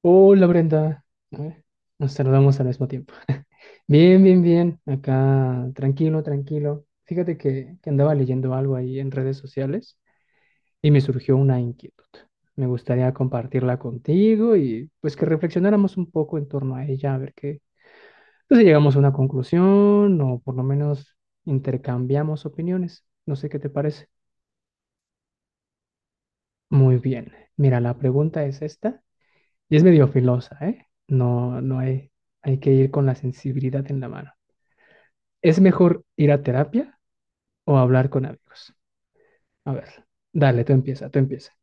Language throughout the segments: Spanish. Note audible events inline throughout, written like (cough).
Hola, Brenda. A ver, nos saludamos al mismo tiempo. (laughs) Bien, bien, bien, acá tranquilo, tranquilo. Fíjate que andaba leyendo algo ahí en redes sociales y me surgió una inquietud. Me gustaría compartirla contigo y pues que reflexionáramos un poco en torno a ella, a ver qué, pues, si llegamos a una conclusión o por lo menos intercambiamos opiniones. No sé qué te parece. Muy bien, mira, la pregunta es esta. Y es medio filosa, ¿eh? No, no hay, hay que ir con la sensibilidad en la mano. ¿Es mejor ir a terapia o hablar con amigos? A ver, dale, tú empieza, tú empieza.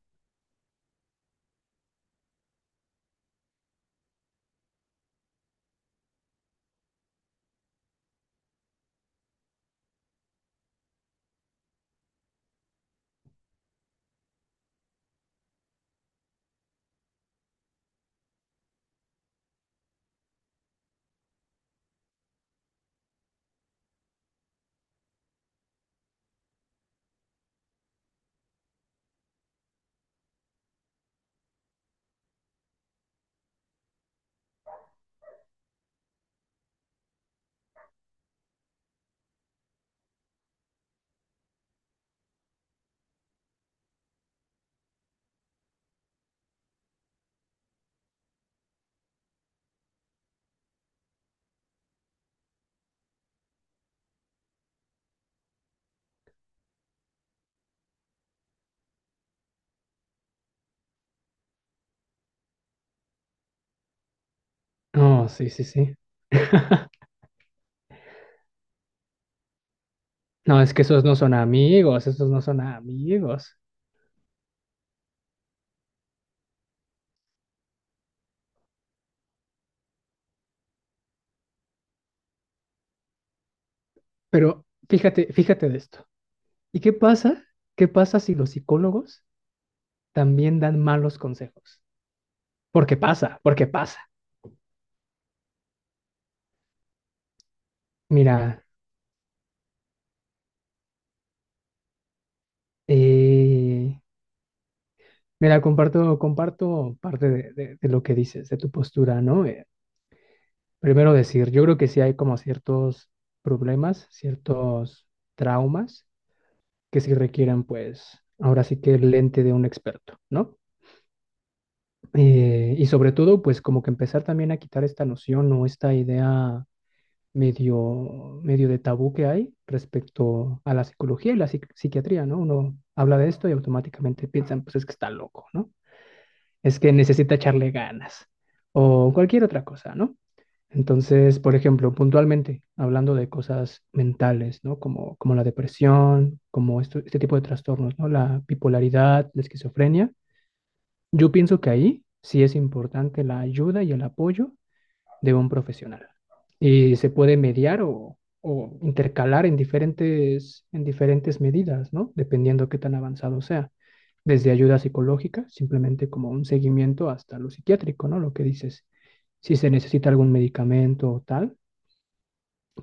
Oh, sí, sí, sí. (laughs) No, es que esos no son amigos, esos no son amigos. Pero fíjate, fíjate de esto. ¿Y qué pasa? ¿Qué pasa si los psicólogos también dan malos consejos? Porque pasa, porque pasa. Mira, eh, Mira, comparto, comparto parte de, de lo que dices, de tu postura, ¿no? Primero decir, yo creo que sí hay como ciertos problemas, ciertos traumas que sí requieren, pues, ahora sí que el lente de un experto, ¿no? Y sobre todo, pues, como que empezar también a quitar esta noción o esta idea medio de tabú que hay respecto a la psicología y la psiquiatría, ¿no? Uno habla de esto y automáticamente piensan, pues, es que está loco, ¿no? Es que necesita echarle ganas o cualquier otra cosa, ¿no? Entonces, por ejemplo, puntualmente, hablando de cosas mentales, ¿no? Como la depresión, como este tipo de trastornos, ¿no? La bipolaridad, la esquizofrenia. Yo pienso que ahí sí es importante la ayuda y el apoyo de un profesional. Y se puede mediar o intercalar en diferentes medidas, ¿no? Dependiendo qué tan avanzado sea. Desde ayuda psicológica, simplemente como un seguimiento, hasta lo psiquiátrico, ¿no? Lo que dices, si se necesita algún medicamento o tal,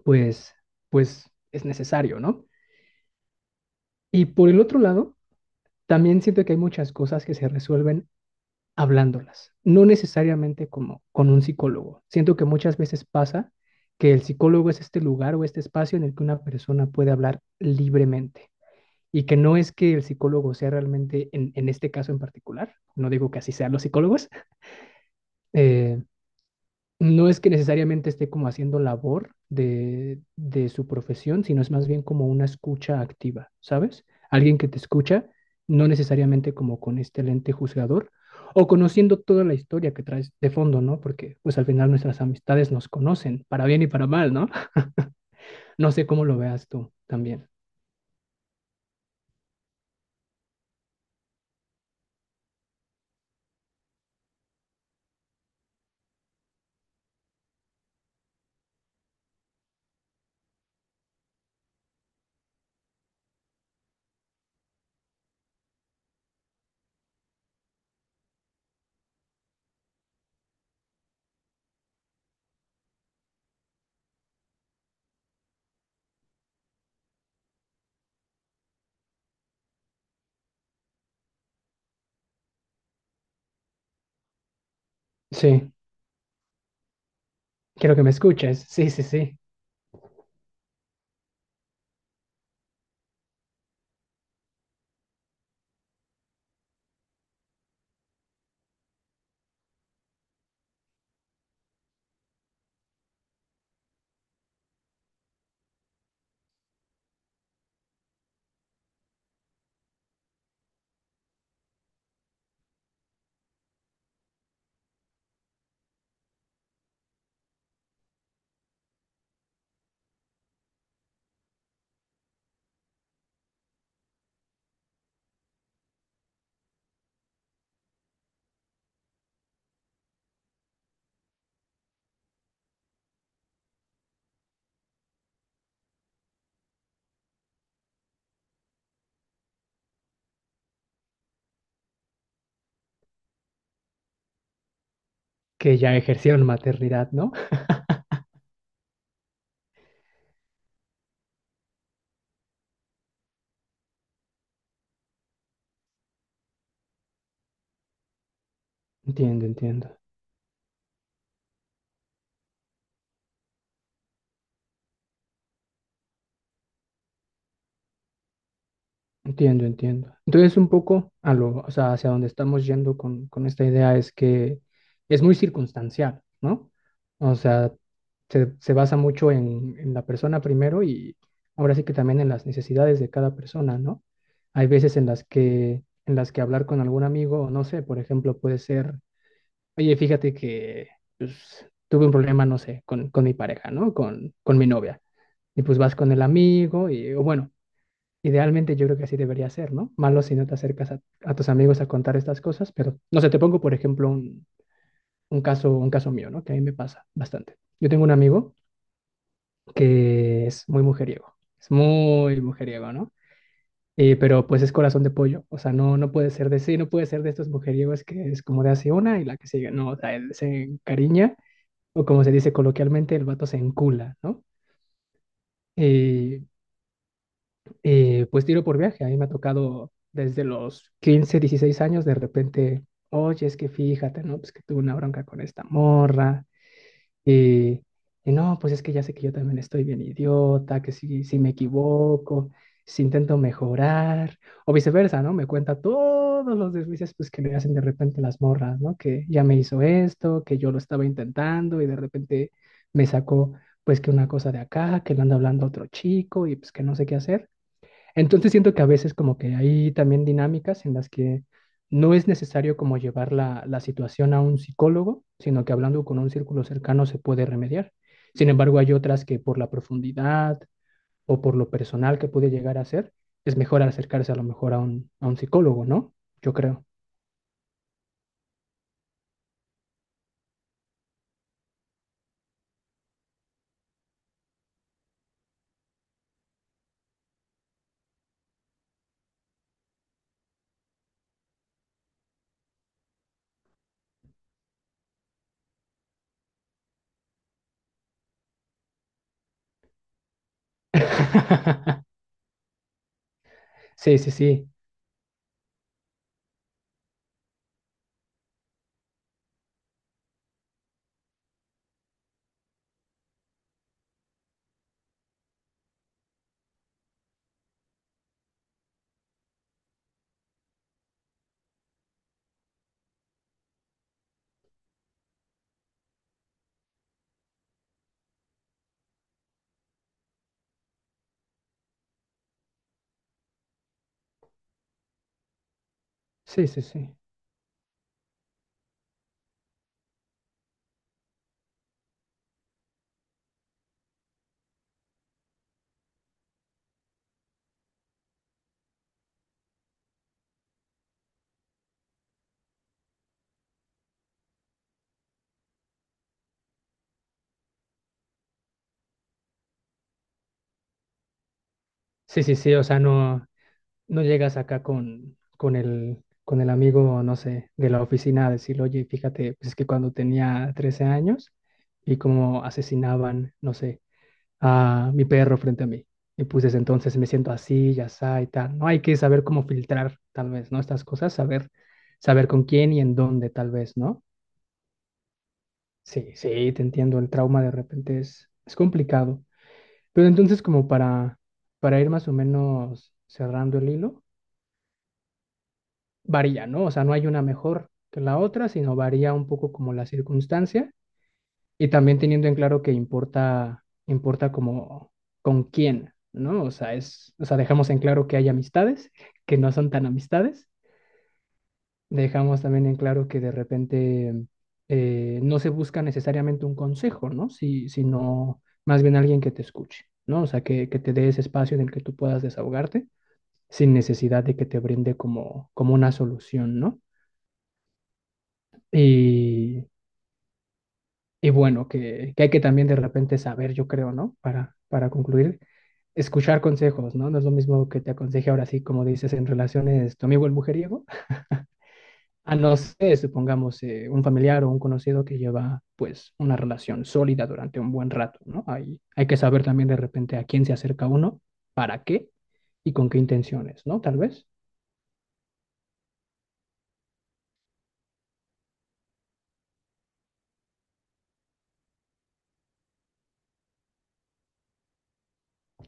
pues, pues es necesario, ¿no? Y por el otro lado, también siento que hay muchas cosas que se resuelven hablándolas, no necesariamente como con un psicólogo. Siento que muchas veces pasa que el psicólogo es este lugar o este espacio en el que una persona puede hablar libremente y que no es que el psicólogo sea realmente, en este caso en particular, no digo que así sean los psicólogos, eh, no es que necesariamente esté como haciendo labor de su profesión, sino es más bien como una escucha activa, ¿sabes? Alguien que te escucha, no necesariamente como con este lente juzgador o conociendo toda la historia que traes de fondo, ¿no? Porque pues al final nuestras amistades nos conocen, para bien y para mal, ¿no? (laughs) No sé cómo lo veas tú también. Sí, quiero que me escuches. Sí, sí, sí. Que ya ejercieron maternidad, ¿no? Entiendo, entiendo. Entiendo, entiendo. Entonces, un poco a lo, o sea, hacia dónde estamos yendo con esta idea es que es muy circunstancial, ¿no? O sea, se basa mucho en la persona primero y ahora sí que también en las necesidades de cada persona, ¿no? Hay veces en las que hablar con algún amigo, no sé, por ejemplo, puede ser, oye, fíjate que pues, tuve un problema, no sé, con mi pareja, ¿no? Con mi novia. Y pues vas con el amigo y, o bueno. Idealmente yo creo que así debería ser, ¿no? Malo si no te acercas a tus amigos a contar estas cosas, pero no sé, te pongo por ejemplo un caso mío, ¿no? Que a mí me pasa bastante. Yo tengo un amigo que es muy mujeriego, ¿no? Pero pues es corazón de pollo, o sea, no, no puede ser de sí, no puede ser de estos mujeriegos que es como de hace una y la que sigue, no, o sea, él se encariña o como se dice coloquialmente, el vato se encula, ¿no? Y Y pues tiro por viaje. A mí me ha tocado desde los 15 16 años, de repente, oye, es que fíjate, ¿no? Pues que tuve una bronca con esta morra. Y, y no, pues es que ya sé que yo también estoy bien idiota, que si me equivoco, si intento mejorar, o viceversa, ¿no? Me cuenta todos los deslices pues, que le hacen de repente las morras, ¿no? Que ya me hizo esto, que yo lo estaba intentando y de repente me sacó, pues que una cosa de acá, que le anda hablando a otro chico y pues que no sé qué hacer. Entonces siento que a veces como que hay también dinámicas en las que no es necesario como llevar la situación a un psicólogo, sino que hablando con un círculo cercano se puede remediar. Sin embargo, hay otras que por la profundidad o por lo personal que puede llegar a ser, es mejor acercarse a lo mejor a un psicólogo, ¿no? Yo creo. (laughs) Sí, sí, sí. Sí, sí, sí. Sí, sí, sí. O sea, no, no llegas acá con el amigo, no sé, de la oficina a decirle, oye, fíjate, pues es que cuando tenía 13 años y como asesinaban, no sé, a mi perro frente a mí. Y pues desde entonces me siento así, ya está y tal. No hay que saber cómo filtrar, tal vez, ¿no? Estas cosas, saber, saber con quién y en dónde, tal vez, ¿no? Sí, sí, te entiendo, el trauma de repente es complicado. Pero entonces, como para ir más o menos cerrando el hilo, varía, ¿no? O sea, no hay una mejor que la otra, sino varía un poco como la circunstancia y también teniendo en claro que importa, importa como con quién, ¿no? O sea, es, o sea, dejamos en claro que hay amistades que no son tan amistades, dejamos también en claro que de repente no se busca necesariamente un consejo, ¿no? Si, sino más bien alguien que te escuche, ¿no? O sea, que te dé ese espacio en el que tú puedas desahogarte sin necesidad de que te brinde como una solución, ¿no? Y, Y bueno, que hay que también de repente saber, yo creo ¿no? Para concluir, escuchar consejos, ¿no? No es lo mismo que te aconseje ahora sí, como dices, en relaciones tu amigo el mujeriego, a no sé supongamos, un familiar o un conocido que lleva, pues, una relación sólida durante un buen rato, ¿no? Hay que saber también de repente a quién se acerca uno, para qué y con qué intenciones, ¿no? Tal vez.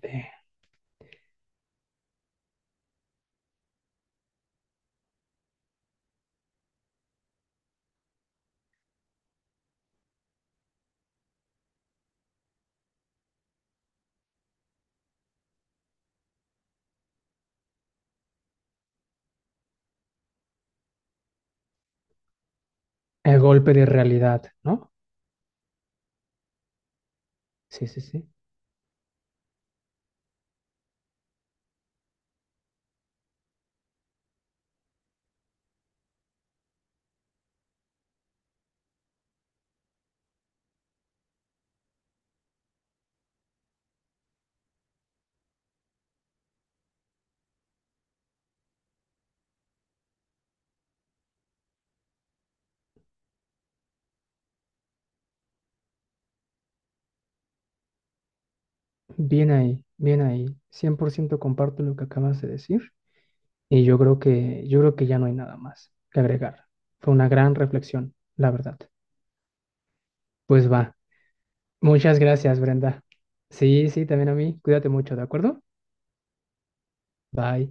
Eh, el golpe de realidad, ¿no? Sí, sí, sí. Bien ahí, bien ahí. 100% comparto lo que acabas de decir. Y yo creo que ya no hay nada más que agregar. Fue una gran reflexión, la verdad. Pues va. Muchas gracias, Brenda. Sí, sí, también a mí. Cuídate mucho, ¿de acuerdo? Bye.